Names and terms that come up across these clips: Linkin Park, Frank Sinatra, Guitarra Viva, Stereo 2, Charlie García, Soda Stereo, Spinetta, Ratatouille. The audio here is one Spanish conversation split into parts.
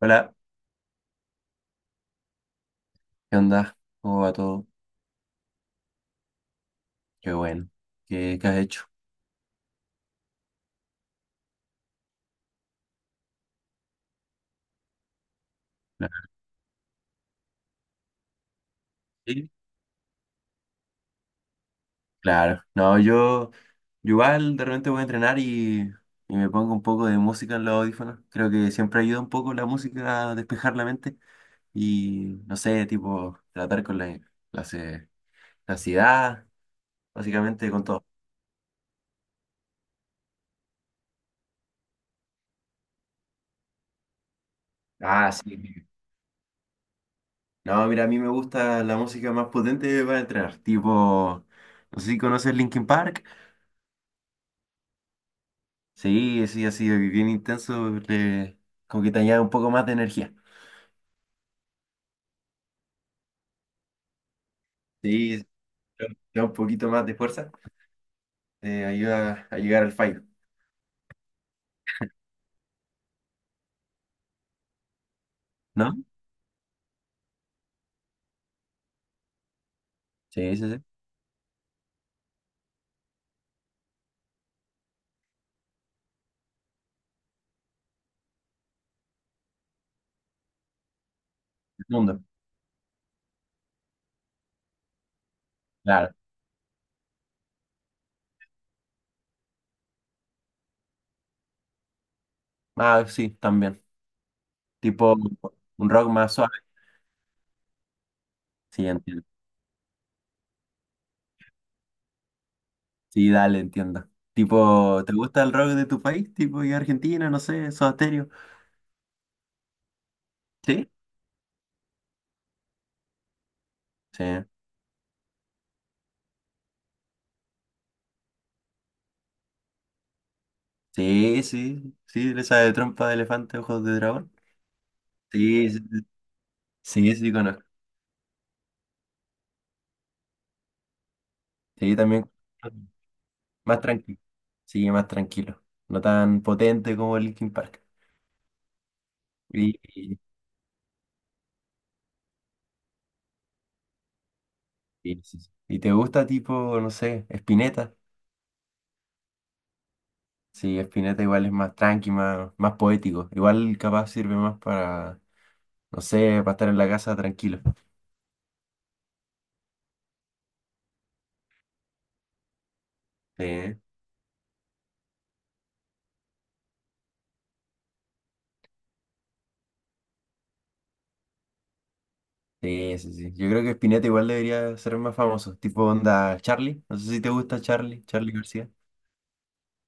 Hola, ¿qué onda? ¿Cómo va todo? Qué bueno. ¿Qué has hecho? Claro. Sí. Claro. No, yo igual de repente voy a entrenar y me pongo un poco de música en los audífonos. Creo que siempre ayuda un poco la música a despejar la mente y, no sé, tipo, tratar con la, ce- la ansiedad, básicamente con todo. Ah, sí. No, mira, a mí me gusta la música más potente para entrenar. Tipo, no sé si conoces Linkin Park. Sí, sí, ha sido bien intenso, como que te añade un poco más de energía. Sí, te da un poquito más de fuerza, te ayuda a llegar al fallo, ¿no? Sí, sí, sí. El mundo, claro. Ah, sí, también. Tipo un rock más suave. Sí, entiendo. Sí, dale, entiendo. Tipo, ¿te gusta el rock de tu país? Tipo, y Argentina, no sé, Soda Stereo. Sí, sí, sí, sí, sí, esa de trompa de elefante, ojos de dragón. Sí, sí, sí, sí, sí, conozco. Sí, también. Más tranquilo. Sí, más tranquilo. No tan potente como Linkin Park. Y, y, sí, sí. ¿Y te gusta tipo, no sé, Spinetta? Sí, Spinetta igual es más tranqui, más, más poético. Igual capaz sirve más para, no sé, para estar en la casa tranquilo. Sí, sí, sí, sí. Yo creo que Spinetta igual debería ser más famoso. Tipo onda Charlie. No sé si te gusta Charlie, Charlie García.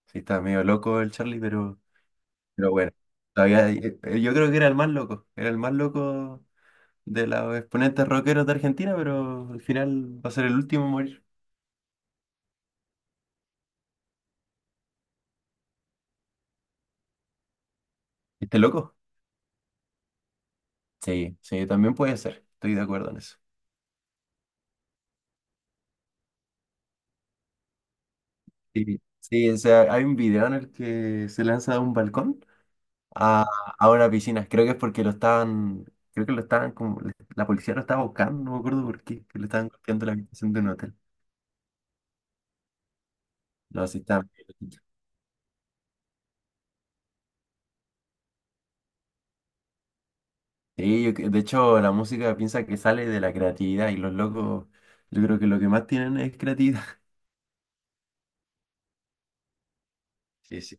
Sí, está medio loco el Charlie, pero bueno. Todavía, yo creo que era el más loco. Era el más loco de los exponentes rockeros de Argentina, pero al final va a ser el último en morir. ¿Viste loco? Sí, sí, también puede ser. Estoy de acuerdo en eso. Sí, sí, o sea, hay un video en el que se lanza de un balcón a, a una piscina. Creo que es porque lo estaban, creo que lo estaban como, la policía lo estaba buscando, no me acuerdo por qué, que le estaban golpeando la habitación de un hotel. No, sí, está medio loquito. Sí, de hecho, la música piensa que sale de la creatividad y los locos, yo creo que lo que más tienen es creatividad. Sí, sí.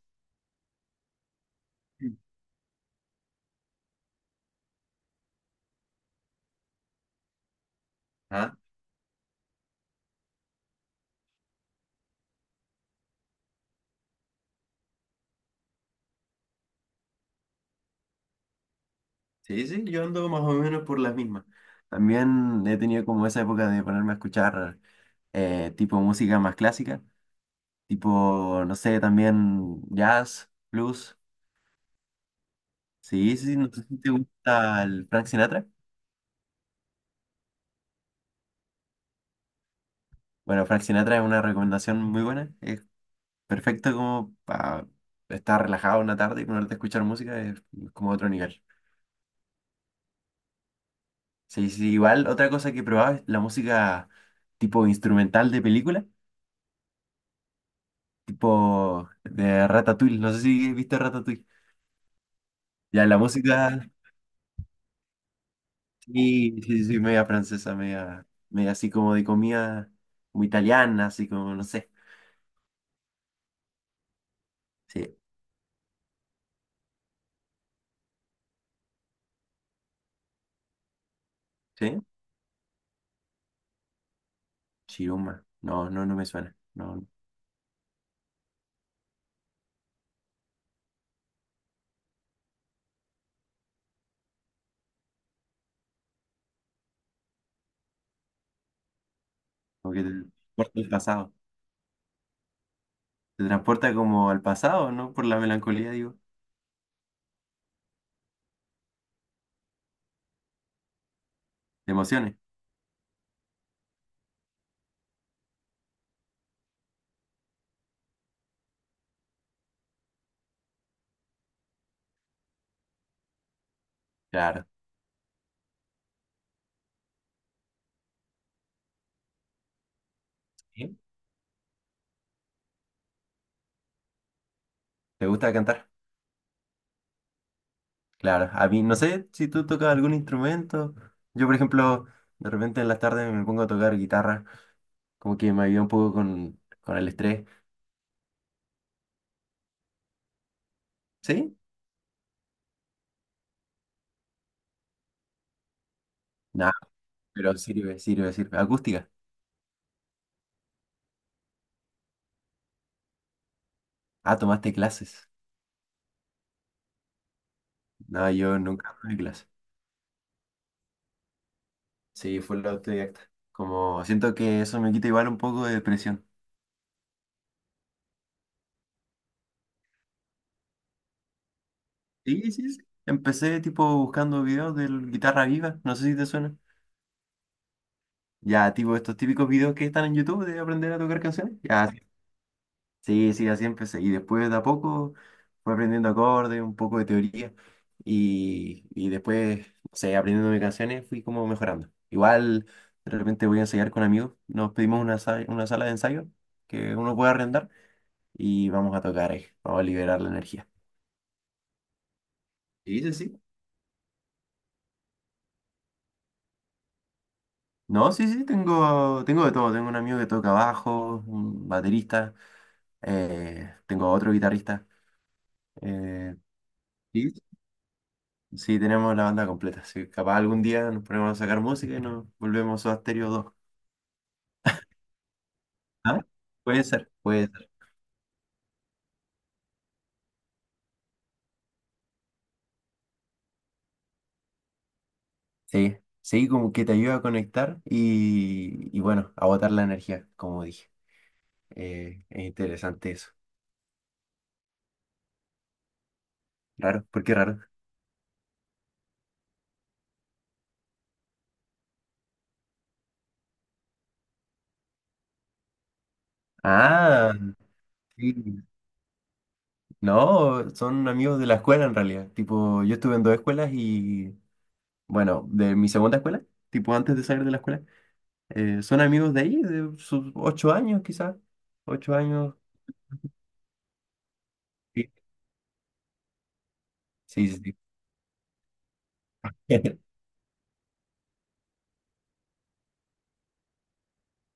¿Ah? Sí, sí, yo ando más o menos por las mismas. También he tenido como esa época de ponerme a escuchar tipo música más clásica, tipo, no sé, también jazz, blues. Sí, sí, sí, no sé si te gusta el Frank Sinatra. Bueno, Frank Sinatra es una recomendación muy buena. Es perfecto como para estar relajado una tarde y ponerte a escuchar música, es como otro nivel. Sí, sí, igual otra cosa que probaba es la música tipo instrumental de película. Tipo de Ratatouille, no sé si viste Ratatouille. Ya la música, sí, sí, sí, media francesa, media, media así como de comida como italiana, así como, no sé. Sí, sí, Chiruma. No, no, no me suena. No, como que te transporta al pasado. Te transporta como al pasado, ¿no? Por la melancolía, digo. De emociones. Claro. ¿Sí? ¿Te gusta cantar? Claro. A mí, no sé si tú tocas algún instrumento. Yo, por ejemplo, de repente en las tardes me pongo a tocar guitarra. Como que me ayuda un poco con el estrés. ¿Sí? Nada, pero sirve, sirve, sirve. Acústica. Ah, tomaste clases. No, yo nunca tomé clases. Sí, fue la autodidacta. Como siento que eso me quita igual un poco de depresión. Sí, sí, sí. Empecé tipo buscando videos de Guitarra Viva, no sé si te suena. Ya, tipo estos típicos videos que están en YouTube de aprender a tocar canciones. Ya, sí, sí, así empecé. Y después de a poco fue aprendiendo acordes, un poco de teoría y después, no sé, aprendiendo mis canciones fui como mejorando. Igual de repente voy a ensayar con amigos, nos pedimos una sala de ensayo que uno puede arrendar y vamos a tocar ahí, vamos a liberar la energía. Sí, sí, sí. No, sí, sí, tengo, tengo de todo. Tengo un amigo que toca bajo, un baterista, tengo otro guitarrista. eh, Sí, tenemos la banda completa. Sí, capaz algún día nos ponemos a sacar música y nos volvemos a Stereo 2. ¿Ah? Puede ser, puede ser. Sí, sí, como que te ayuda a conectar y bueno, a botar la energía, como dije. Es interesante eso. Raro, ¿por qué raro? Ah, sí. No, son amigos de la escuela en realidad. Tipo, yo estuve en dos escuelas y, bueno, de mi segunda escuela, tipo antes de salir de la escuela, son amigos de ahí, de sus 8 años quizás, 8 años. Sí, sí, sí.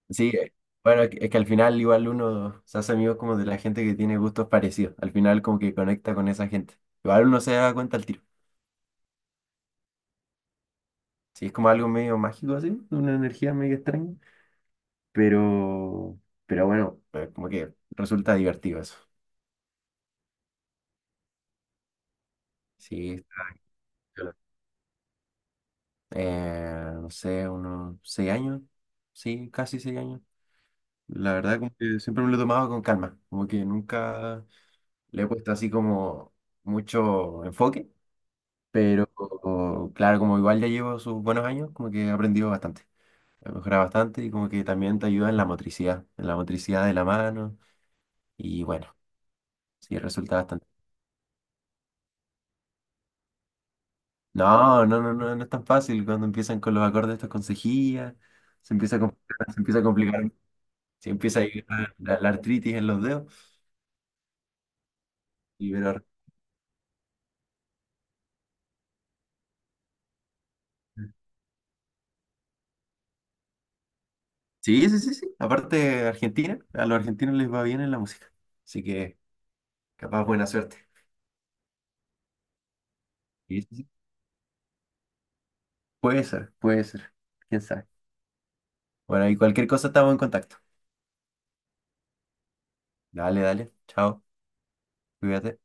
Sí, bueno, es que al final igual uno se hace amigo como de la gente que tiene gustos parecidos. Al final como que conecta con esa gente. Igual uno se da cuenta al tiro. Sí, es como algo medio mágico así, una energía medio extraña. Pero, pero bueno, como que resulta divertido eso. Sí, está piola. No sé, unos 6 años. Sí, casi 6 años. La verdad como que siempre me lo he tomado con calma. Como que nunca le he puesto así como mucho enfoque. Pero claro, como igual ya llevo sus buenos años, como que he aprendido bastante, he mejorado bastante y como que también te ayuda en la motricidad de la mano y bueno, sí, resulta bastante. No, no, no, no, no es tan fácil cuando empiezan con los acordes estos con cejilla, se empieza a complicar, se empieza a complicar, se empieza a ir la artritis en los dedos. Y, pero, sí, sí, sí, sí, aparte Argentina, a los argentinos les va bien en la música, así que capaz buena suerte. Sí, sí, sí. Puede ser, quién sabe. Bueno, y cualquier cosa estamos en contacto. Dale, dale. Chao. Cuídate.